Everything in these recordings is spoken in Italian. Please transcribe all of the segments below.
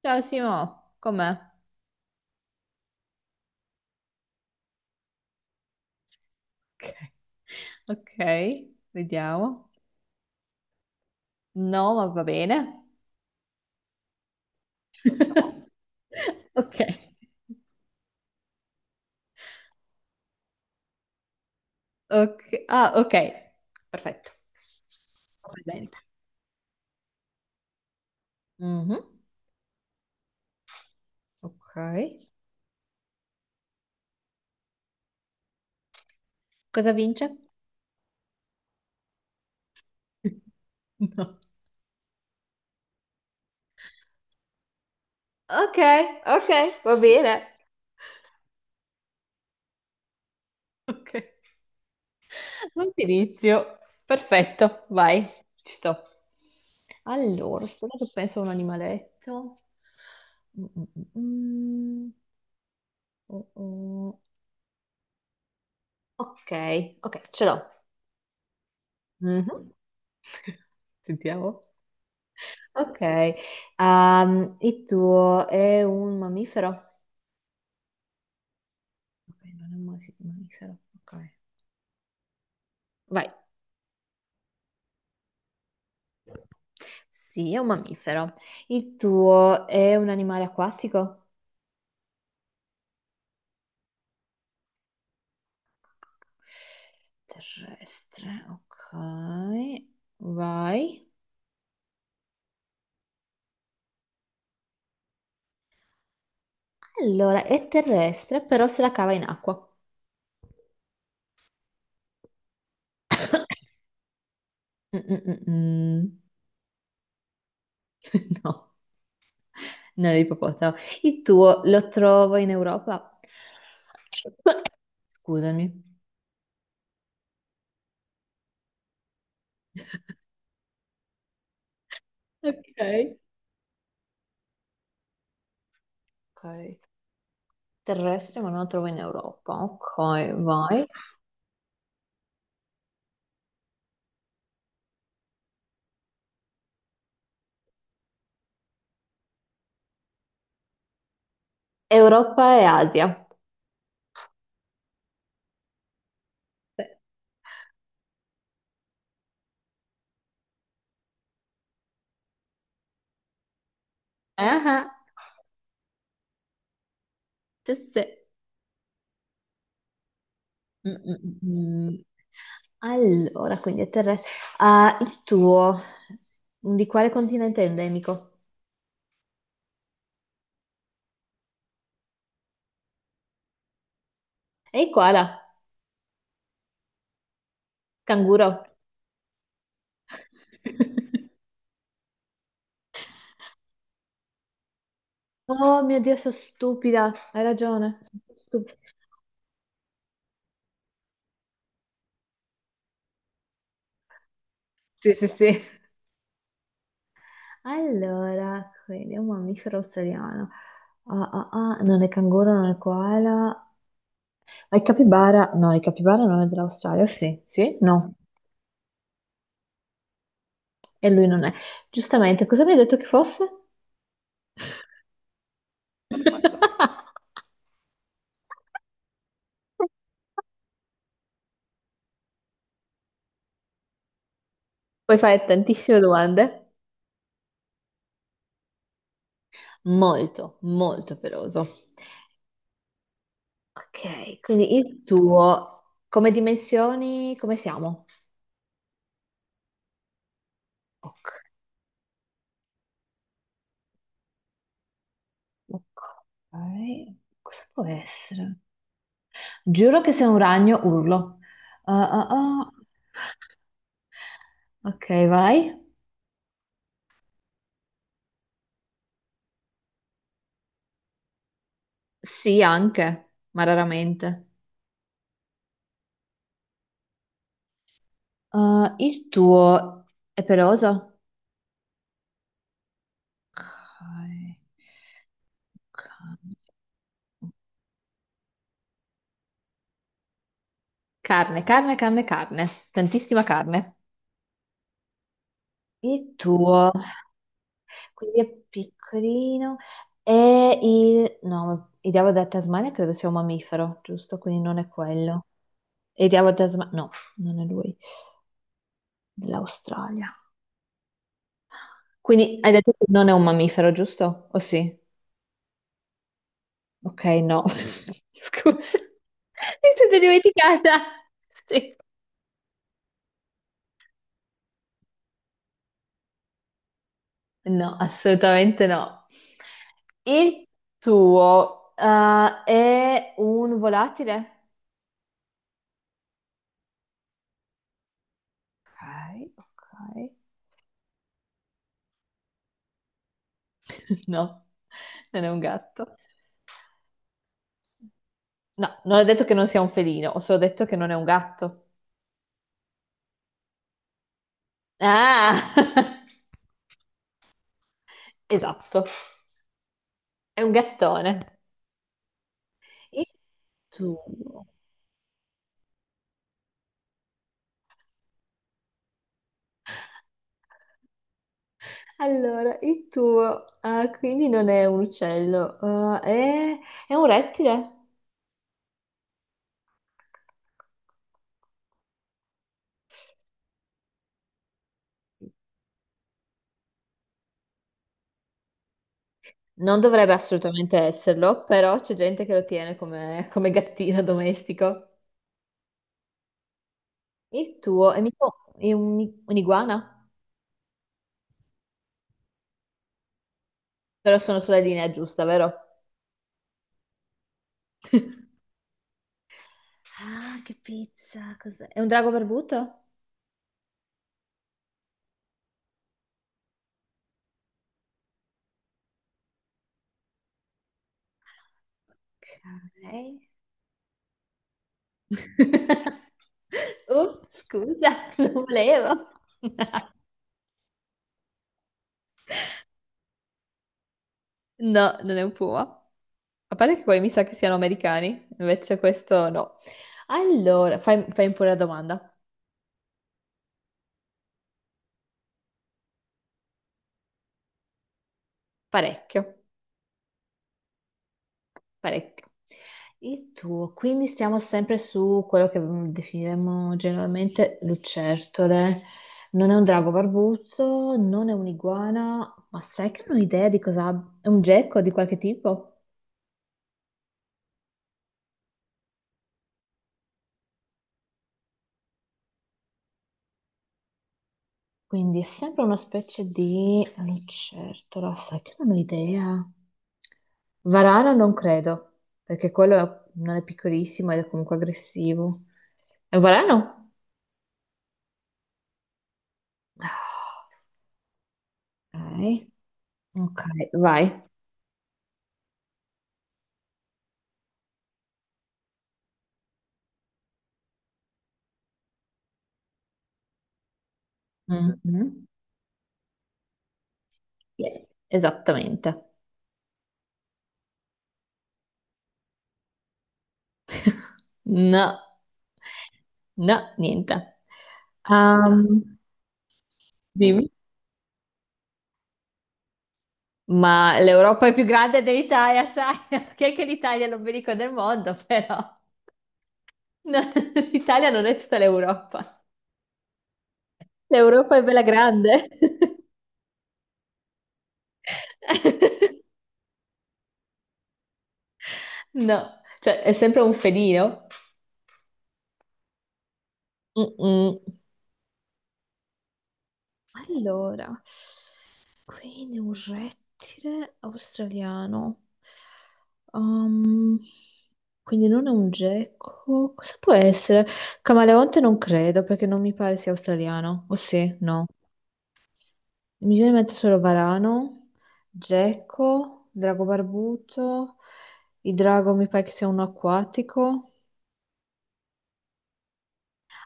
Ciao Simo, com'è? Ok. Ok, vediamo. No, ma va bene. No. Ok, ok. Ah, ok, perfetto. Ho presente. Mhm. Ok. Cosa vince? No. Ok, ok, va bene. Ok. Non ti inizio. Perfetto, vai, ci sto. Allora, aspettate, penso a un animaletto. Mm, mm, mm, mm. Oh, oh. Ok, ok, ce l'ho. Mhm. Sentiamo. Ok, il tuo è un mammifero? Ok, non è un mammifero. Ok, vai. Sì, è un mammifero. Il tuo è un animale acquatico? Terrestre, ok, vai. Allora, è terrestre, però se la cava in acqua. Mm, mm, mm, mm. No, non è ippopotamo. Il tuo lo trovo in Europa? Scusami. Ok. Ok. Terrestri, ma non la trovo in Europa. Ok, vai. Europa e Asia. Sì. Ah, sì, sì. Mm, mm, mm. Mm. Allora, quindi è terrestre. Ah, il tuo. Di quale continente è endemico? Ehi, koala. Canguro. Oh mio Dio, sono stupida. Hai ragione. Stupida. Sì, sì, sì. Allora, quindi è un mammifero australiano. Ah, ah, ah, non è canguro, non è koala. I capibara, no, i capibara non è dell'Australia, sì, sì, no, e lui non è. Giustamente, cosa mi hai detto che fosse? Mannaggia. Puoi fare tantissime domande. Molto, molto peloso. Ok, quindi il tuo, come dimensioni, come siamo? Ok, ok, cosa può essere? Giuro che se un ragno urlo. Ah, ah, ah. Ok, vai. Sì, anche, ma raramente. Il tuo è peloso? Ok. Carne, carne, carne, carne, tantissima carne. Il tuo, quindi è piccolino. E il... No, il diavolo della Tasmania credo sia un mammifero, giusto? Quindi non è quello. E il diavolo della Tasmania... No, non è lui, dell'Australia. Quindi hai detto che non è un mammifero, giusto? O sì? Ok, no. Scusa. Mi sono già dimenticata. Sì. No, assolutamente no. Il tuo è un volatile? Ok, ok. No, non è un gatto. No, non ho detto che non sia un felino, ho solo detto che non è un gatto. Ah, esatto, è un gattone. Il tuo. Allora, il tuo, ah, quindi non è un uccello, ah, è un rettile? Non dovrebbe assolutamente esserlo, però c'è gente che lo tiene come gattino domestico. Il tuo è un'iguana? Però sono sulla linea giusta, vero? Ah, che pizza, cos'è? È un drago barbuto? Ok. Oh, scusa, non volevo. No, non è un puma. A parte che quelli mi sa che siano americani, invece questo no. Allora, fai pure la domanda. Parecchio. Parecchio. E tu, quindi stiamo sempre su quello che definiremmo generalmente lucertole. Non è un drago barbuzzo, non è un'iguana, ma sai che non ho idea di cosa abbia. È un gecko di qualche tipo? Quindi è sempre una specie di lucertola, sai che non ho idea. Varano non credo, perché quello non è piccolissimo ed è comunque aggressivo. È un varano? Ah, ok, ok, vai. Mhm. Sì, esattamente. No, no, niente. Ehm, Dimmi. Ma l'Europa è più grande dell'Italia, sai? Che è che l'Italia è l'ombelico del mondo, però. No, l'Italia non è tutta l'Europa. L'Europa è bella grande. No, cioè è sempre un felino. Mm-mm. Allora, quindi un rettile australiano. Um, quindi non è un gecko. Cosa può essere? Camaleonte non credo perché non mi pare sia australiano. O sì, no. Mi viene in mente solo varano, gecko, drago barbuto. Il drago mi pare che sia uno acquatico.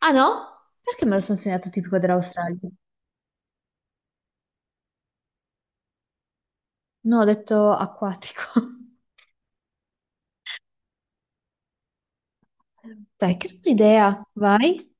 Ah no? Perché me lo sono segnato tipico dell'Australia? No, ho detto acquatico. Dai, che bella idea, vai.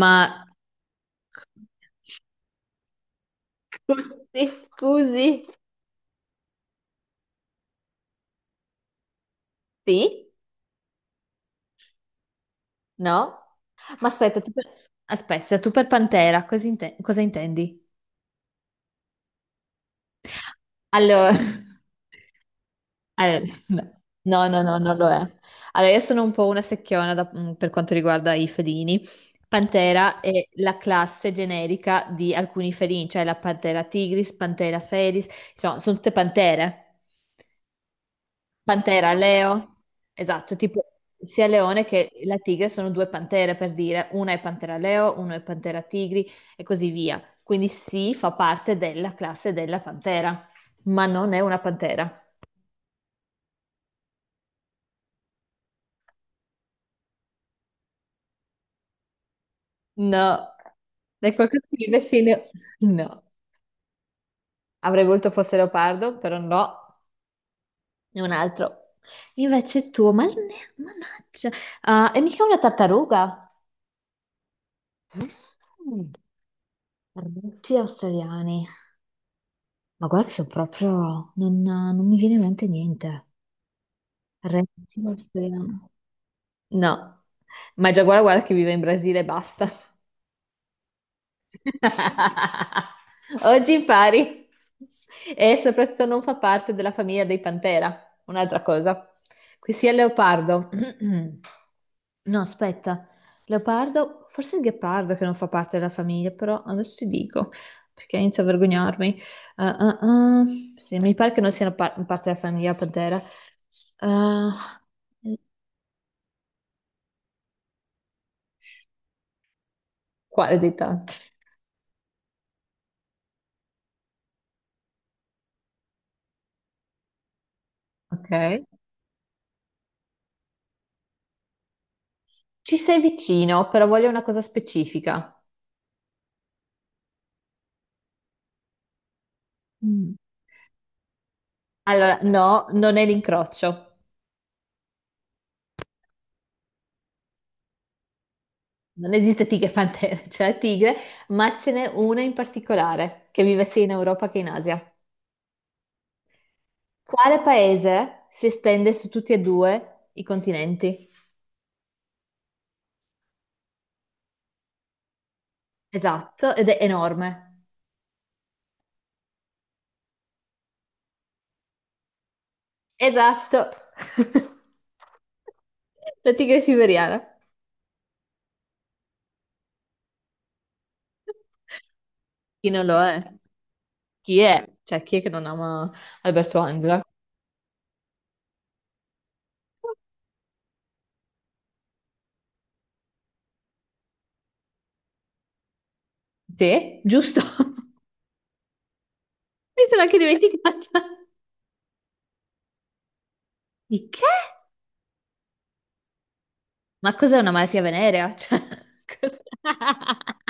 Ma sì, scusi, sì? No? Ma aspetta, tu per Pantera, cosa, cosa intendi? Allora, allora, no, no, no, non lo è. Allora, io sono un po' una secchiona per quanto riguarda i felini. Pantera è la classe generica di alcuni felini, cioè la Pantera tigris, Pantera felis, insomma, sono tutte pantere. Pantera, Leo, esatto, tipo sia leone che la tigre sono due pantere per dire, una è pantera Leo, uno è pantera tigri e così via. Quindi sì, fa parte della classe della pantera, ma non è una pantera. No, è qualcosa che mi vecino. No, avrei voluto fosse leopardo, però no, è un altro. Invece tu, ma mannaggia, ah, è mica una tartaruga? Arbusti australiani. Ma guarda che sono proprio... Non mi viene in mente niente. Rettile, oceano. No. Ma già guarda, guarda che vive in Brasile e basta. Oggi impari e soprattutto non fa parte della famiglia dei Pantera, un'altra cosa. Qui sia il leopardo. No, aspetta, leopardo, forse il ghepardo che non fa parte della famiglia, però adesso ti dico perché inizio a vergognarmi. Ah, ah, ah. Sì, mi pare che non siano parte della famiglia Pantera. Ah, quale dei tanti? Ok. Ci sei vicino, però voglio una cosa specifica. Mm. Allora, no, non è l'incrocio, non esiste tigre e pantera, c'è la tigre, ma ce n'è una in particolare che vive sia in Europa che in Asia. Quale paese si estende su tutti e due i continenti? Esatto, ed è enorme. Esatto. La tigre siberiana. Chi non lo è? Chi è? Cioè, chi è che non ama Alberto Angela? Te? Giusto. Mi sono anche dimenticata. Di che? Ma cos'è una malattia venerea? Cioè, cos'è?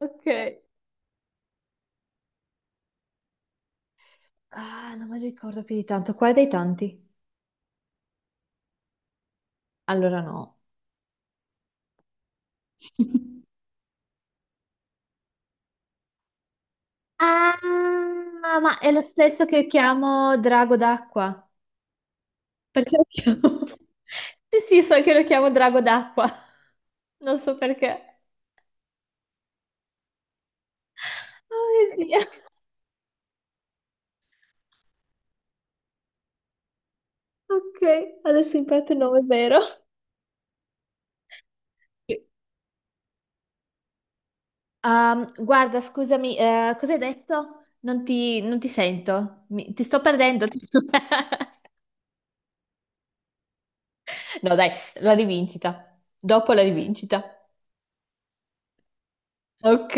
Ok. Ah, non mi ricordo più di tanto. Quale dei tanti? Allora no. Ah, ma è lo stesso che chiamo drago d'acqua. Perché lo chiamo? Sì, sì, so che lo chiamo drago d'acqua. Non so perché. Oh mio Dio. Ok, adesso imparato il nome vero. Sì. Guarda, scusami, cosa hai detto? Non ti sento. Ti sto perdendo. No, dai, la rivincita. Dopo la rivincita. Ok.